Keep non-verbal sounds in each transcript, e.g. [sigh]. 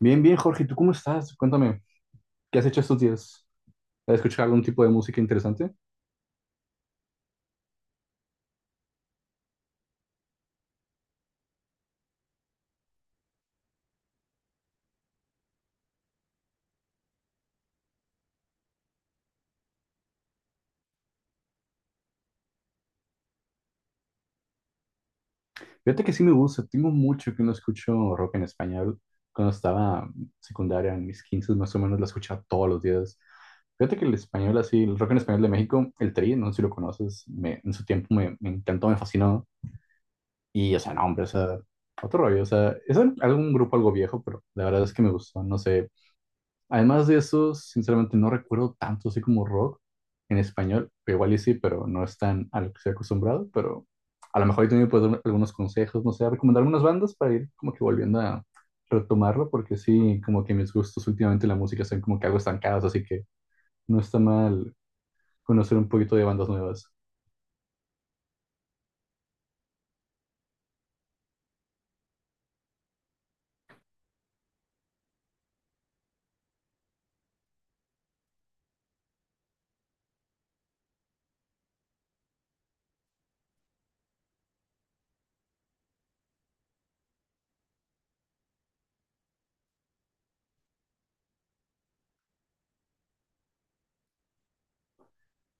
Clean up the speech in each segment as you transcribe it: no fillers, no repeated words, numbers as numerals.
Bien, bien, Jorge, ¿tú cómo estás? Cuéntame, ¿qué has hecho estos días? ¿Has escuchado algún tipo de música interesante? Fíjate que sí me gusta, tengo mucho que no escucho rock en español. Cuando estaba en secundaria, en mis 15 más o menos, la escuchaba todos los días. Fíjate que el español así, el rock en español de México, el Tri, no sé si lo conoces, en su tiempo me encantó, me fascinó. Y, o sea, no, hombre, o sea, otro rollo, o sea, es algún grupo algo viejo, pero la verdad es que me gustó, no sé. Además de eso, sinceramente no recuerdo tanto así como rock en español. Igual y sí, pero no es tan a lo que estoy acostumbrado. Pero a lo mejor ahí también puedes dar algunos consejos, no sé, recomendar algunas bandas para ir como que volviendo a retomarlo, porque sí, como que mis gustos últimamente en la música son como que algo estancados, así que no está mal conocer un poquito de bandas nuevas.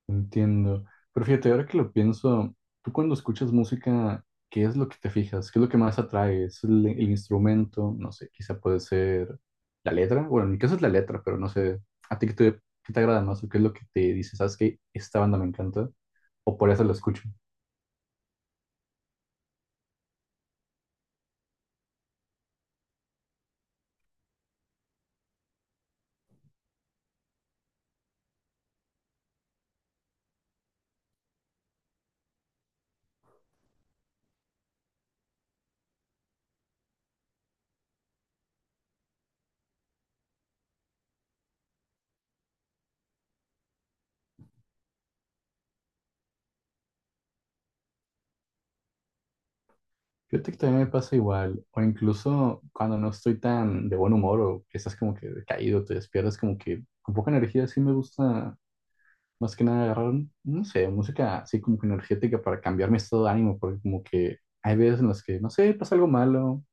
Entiendo. Pero fíjate, ahora que lo pienso, tú cuando escuchas música, ¿qué es lo que te fijas? ¿Qué es lo que más atrae? ¿Es el instrumento? No sé, quizá puede ser la letra. Bueno, en mi caso es la letra, pero no sé. ¿A ti qué te agrada más? ¿O qué es lo que te dice? ¿Sabes qué? Esta banda me encanta. O por eso la escucho. Fíjate que también me pasa igual. O incluso cuando no estoy tan de buen humor o que estás como que caído, te despiertas como que con poca energía, sí me gusta. Más que nada agarrar, no sé, música así como que energética para cambiar mi estado de ánimo, porque como que hay veces en las que, no sé, pasa algo malo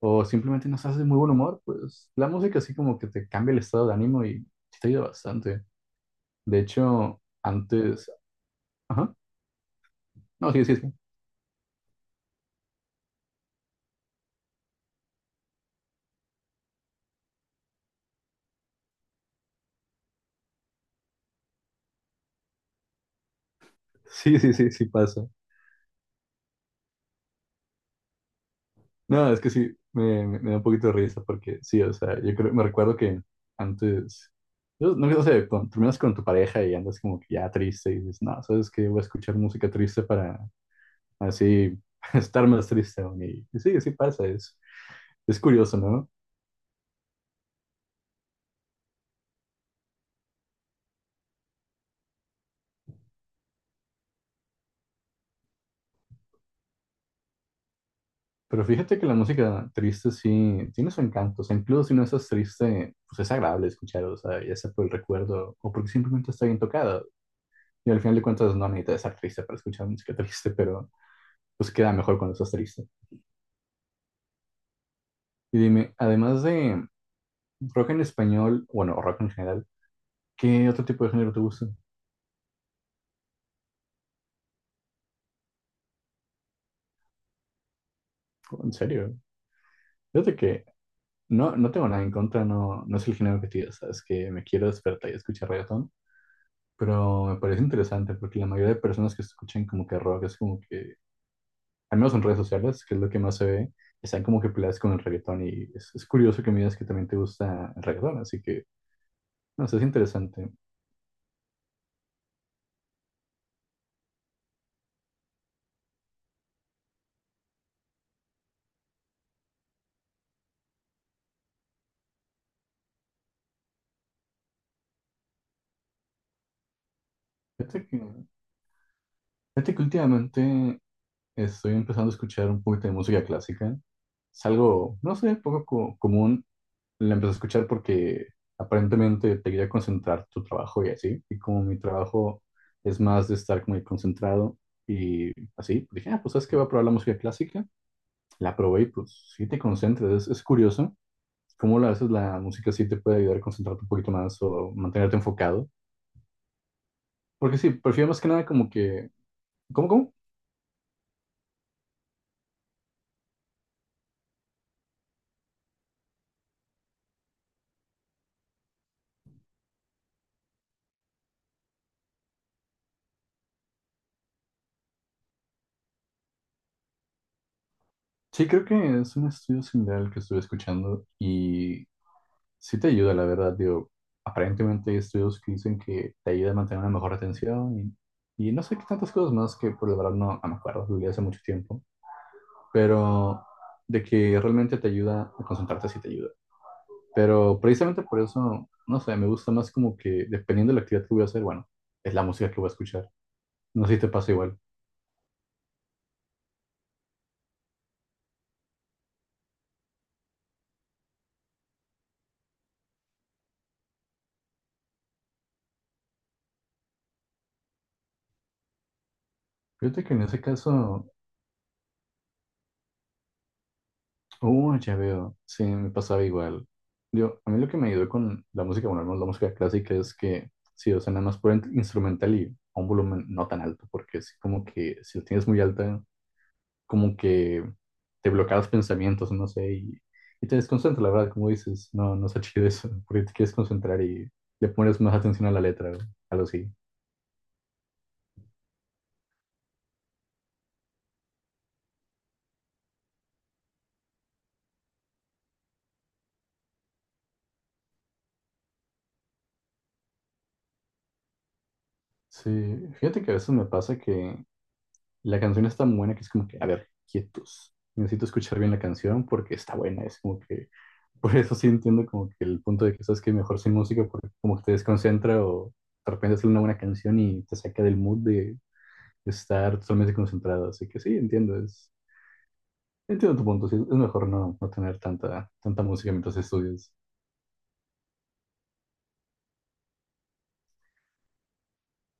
o simplemente no estás de muy buen humor, pues la música así como que te cambia el estado de ánimo y sí te ayuda bastante. De hecho, antes... Ajá. No, sí, sí, sí. Sí, sí, sí, sí pasa. No, es que sí, me da un poquito de risa porque sí, o sea, yo creo, me recuerdo que antes... Yo no, no sé, cuando terminas con tu pareja y andas como que ya triste y dices, no, ¿sabes qué? Voy a escuchar música triste para, así [laughs] estar más triste aún. Y sí, sí pasa, es curioso, ¿no? Pero fíjate que la música triste sí tiene su encanto, o sea, incluso si no estás triste, pues es agradable escuchar, o sea, ya sea por el recuerdo o porque simplemente está bien tocada. Y al final de cuentas no necesitas estar triste para escuchar música triste, pero pues queda mejor cuando estás triste. Y dime, además de rock en español, bueno, rock en general, ¿qué otro tipo de género te gusta? En serio, fíjate que no, no tengo nada en contra, no, no es el género que te digo, sabes que me quiero despertar y escuchar reggaetón, pero me parece interesante porque la mayoría de personas que escuchan como que rock es como que, al menos en redes sociales, que es lo que más se ve, están como que peleadas con el reggaetón y es curioso que me digas que también te gusta el reggaetón, así que, no sé, es interesante. Fíjate que, fíjate que últimamente estoy empezando a escuchar un poquito de música clásica, es algo, no sé, poco común. La empecé a escuchar porque aparentemente te ayuda a concentrar tu trabajo y así. Y como mi trabajo es más de estar muy concentrado y así, pues dije, ah, pues sabes que voy a probar la música clásica. La probé y pues sí te concentras. Es curioso cómo a veces la música sí te puede ayudar a concentrarte un poquito más o mantenerte enfocado. Porque sí, prefiero más que nada como que... ¿Cómo, cómo? Sí, creo que es un estudio similar al que estuve escuchando. Y sí te ayuda, la verdad, digo, aparentemente hay estudios que dicen que te ayuda a mantener una mejor retención y no sé qué tantas cosas más que por la verdad no, no me acuerdo, lo leí hace mucho tiempo, pero de que realmente te ayuda a concentrarte sí te ayuda. Pero precisamente por eso, no sé, me gusta más como que dependiendo de la actividad que voy a hacer, bueno, es la música que voy a escuchar. No sé si te pasa igual. Fíjate que en ese caso uh, ya veo. Sí, me pasaba igual. Yo, a mí lo que me ayudó con la música, bueno, al menos la música clásica es que sí, o sea, nada más por instrumental y a un volumen no tan alto, porque sí, como que si lo tienes muy alta, como que te bloqueas pensamientos, no sé, y te desconcentra, la verdad, como dices, no, no está chido eso, [laughs] porque te quieres concentrar y le pones más atención a la letra, o algo así. Sí, fíjate que a veces me pasa que la canción es tan buena que es como que, a ver, quietos. Necesito escuchar bien la canción porque está buena, es como que por eso sí entiendo como que el punto de que sabes que mejor sin música porque como que te desconcentra o de repente sale una buena canción y te saca del mood de estar totalmente concentrado. Así que sí, entiendo, entiendo tu punto. Sí, es mejor no, no tener tanta música mientras estudias.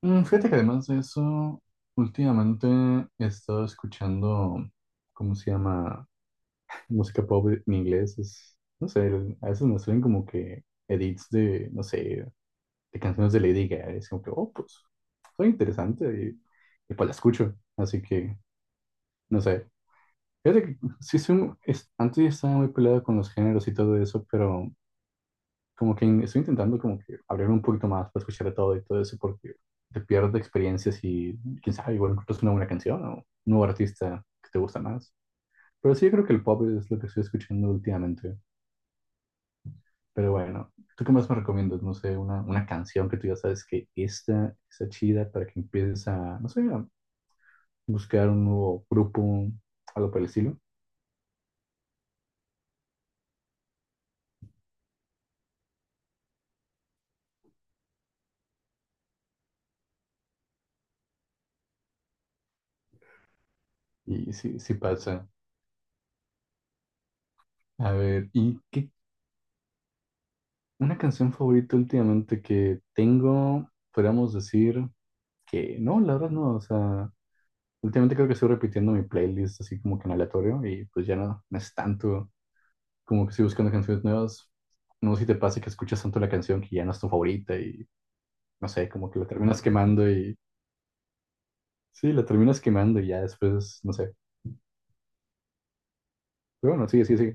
Mm, fíjate que además de eso, últimamente he estado escuchando, ¿cómo se llama? Música pop en inglés. Es, no sé, a veces me salen como que edits de, no sé, de canciones de Lady Gaga. Es como que, oh, pues, soy interesante y pues la escucho. Así que, no sé. Fíjate que sí, es, antes estaba muy peleado con los géneros y todo eso, pero como que estoy intentando como que abrir un poquito más para escuchar de todo y todo eso, porque te pierdes experiencias y quién sabe, igual encuentras una buena canción o un nuevo artista que te gusta más. Pero sí, yo creo que el pop es lo que estoy escuchando últimamente. Pero bueno, ¿tú qué más me recomiendas? No sé, una canción que tú ya sabes que esta está chida para que empieces a, no sé, a buscar un nuevo grupo, algo por el estilo. Y sí, sí pasa. A ver, ¿y qué? Una canción favorita últimamente que tengo, podríamos decir que no, la verdad no, o sea, últimamente creo que estoy repitiendo mi playlist así como que en aleatorio y pues ya no, no es tanto como que estoy buscando canciones nuevas. No sé si te pasa que escuchas tanto la canción que ya no es tu favorita y no sé, como que la terminas quemando y sí, la terminas quemando y ya después, no sé. Pero bueno, sí, sí, sí.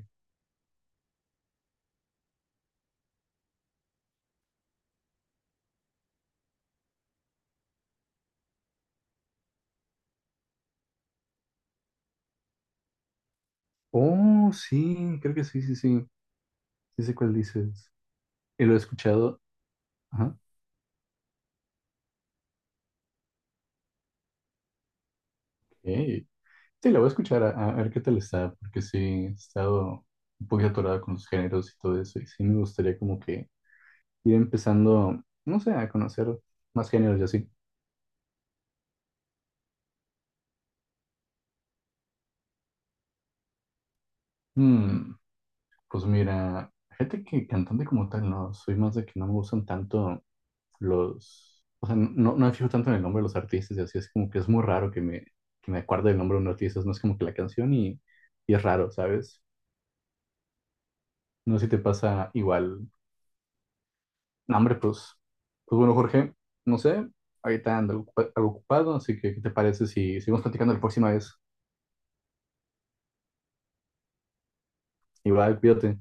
Oh, sí, creo que sí, sí, sí. Sí sé cuál dices. Y lo he escuchado. Ajá. Ok. Sí, la voy a escuchar a ver qué tal está, porque sí, he estado un poquito atorada con los géneros y todo eso. Y sí me gustaría como que ir empezando, no sé, a conocer más géneros y así. Mm, pues mira, fíjate que cantante como tal, no, soy más de que no me gustan tanto los, o sea, no, no me fijo tanto en el nombre de los artistas y así, es como que es muy raro que que me acuerde el nombre de un artista, no es como que la canción y es raro, ¿sabes? No sé si te pasa igual. No, hombre, pues, pues bueno, Jorge, no sé, ahorita ando algo ocupado, así que ¿qué te parece si seguimos platicando la próxima vez? Igual, cuídate.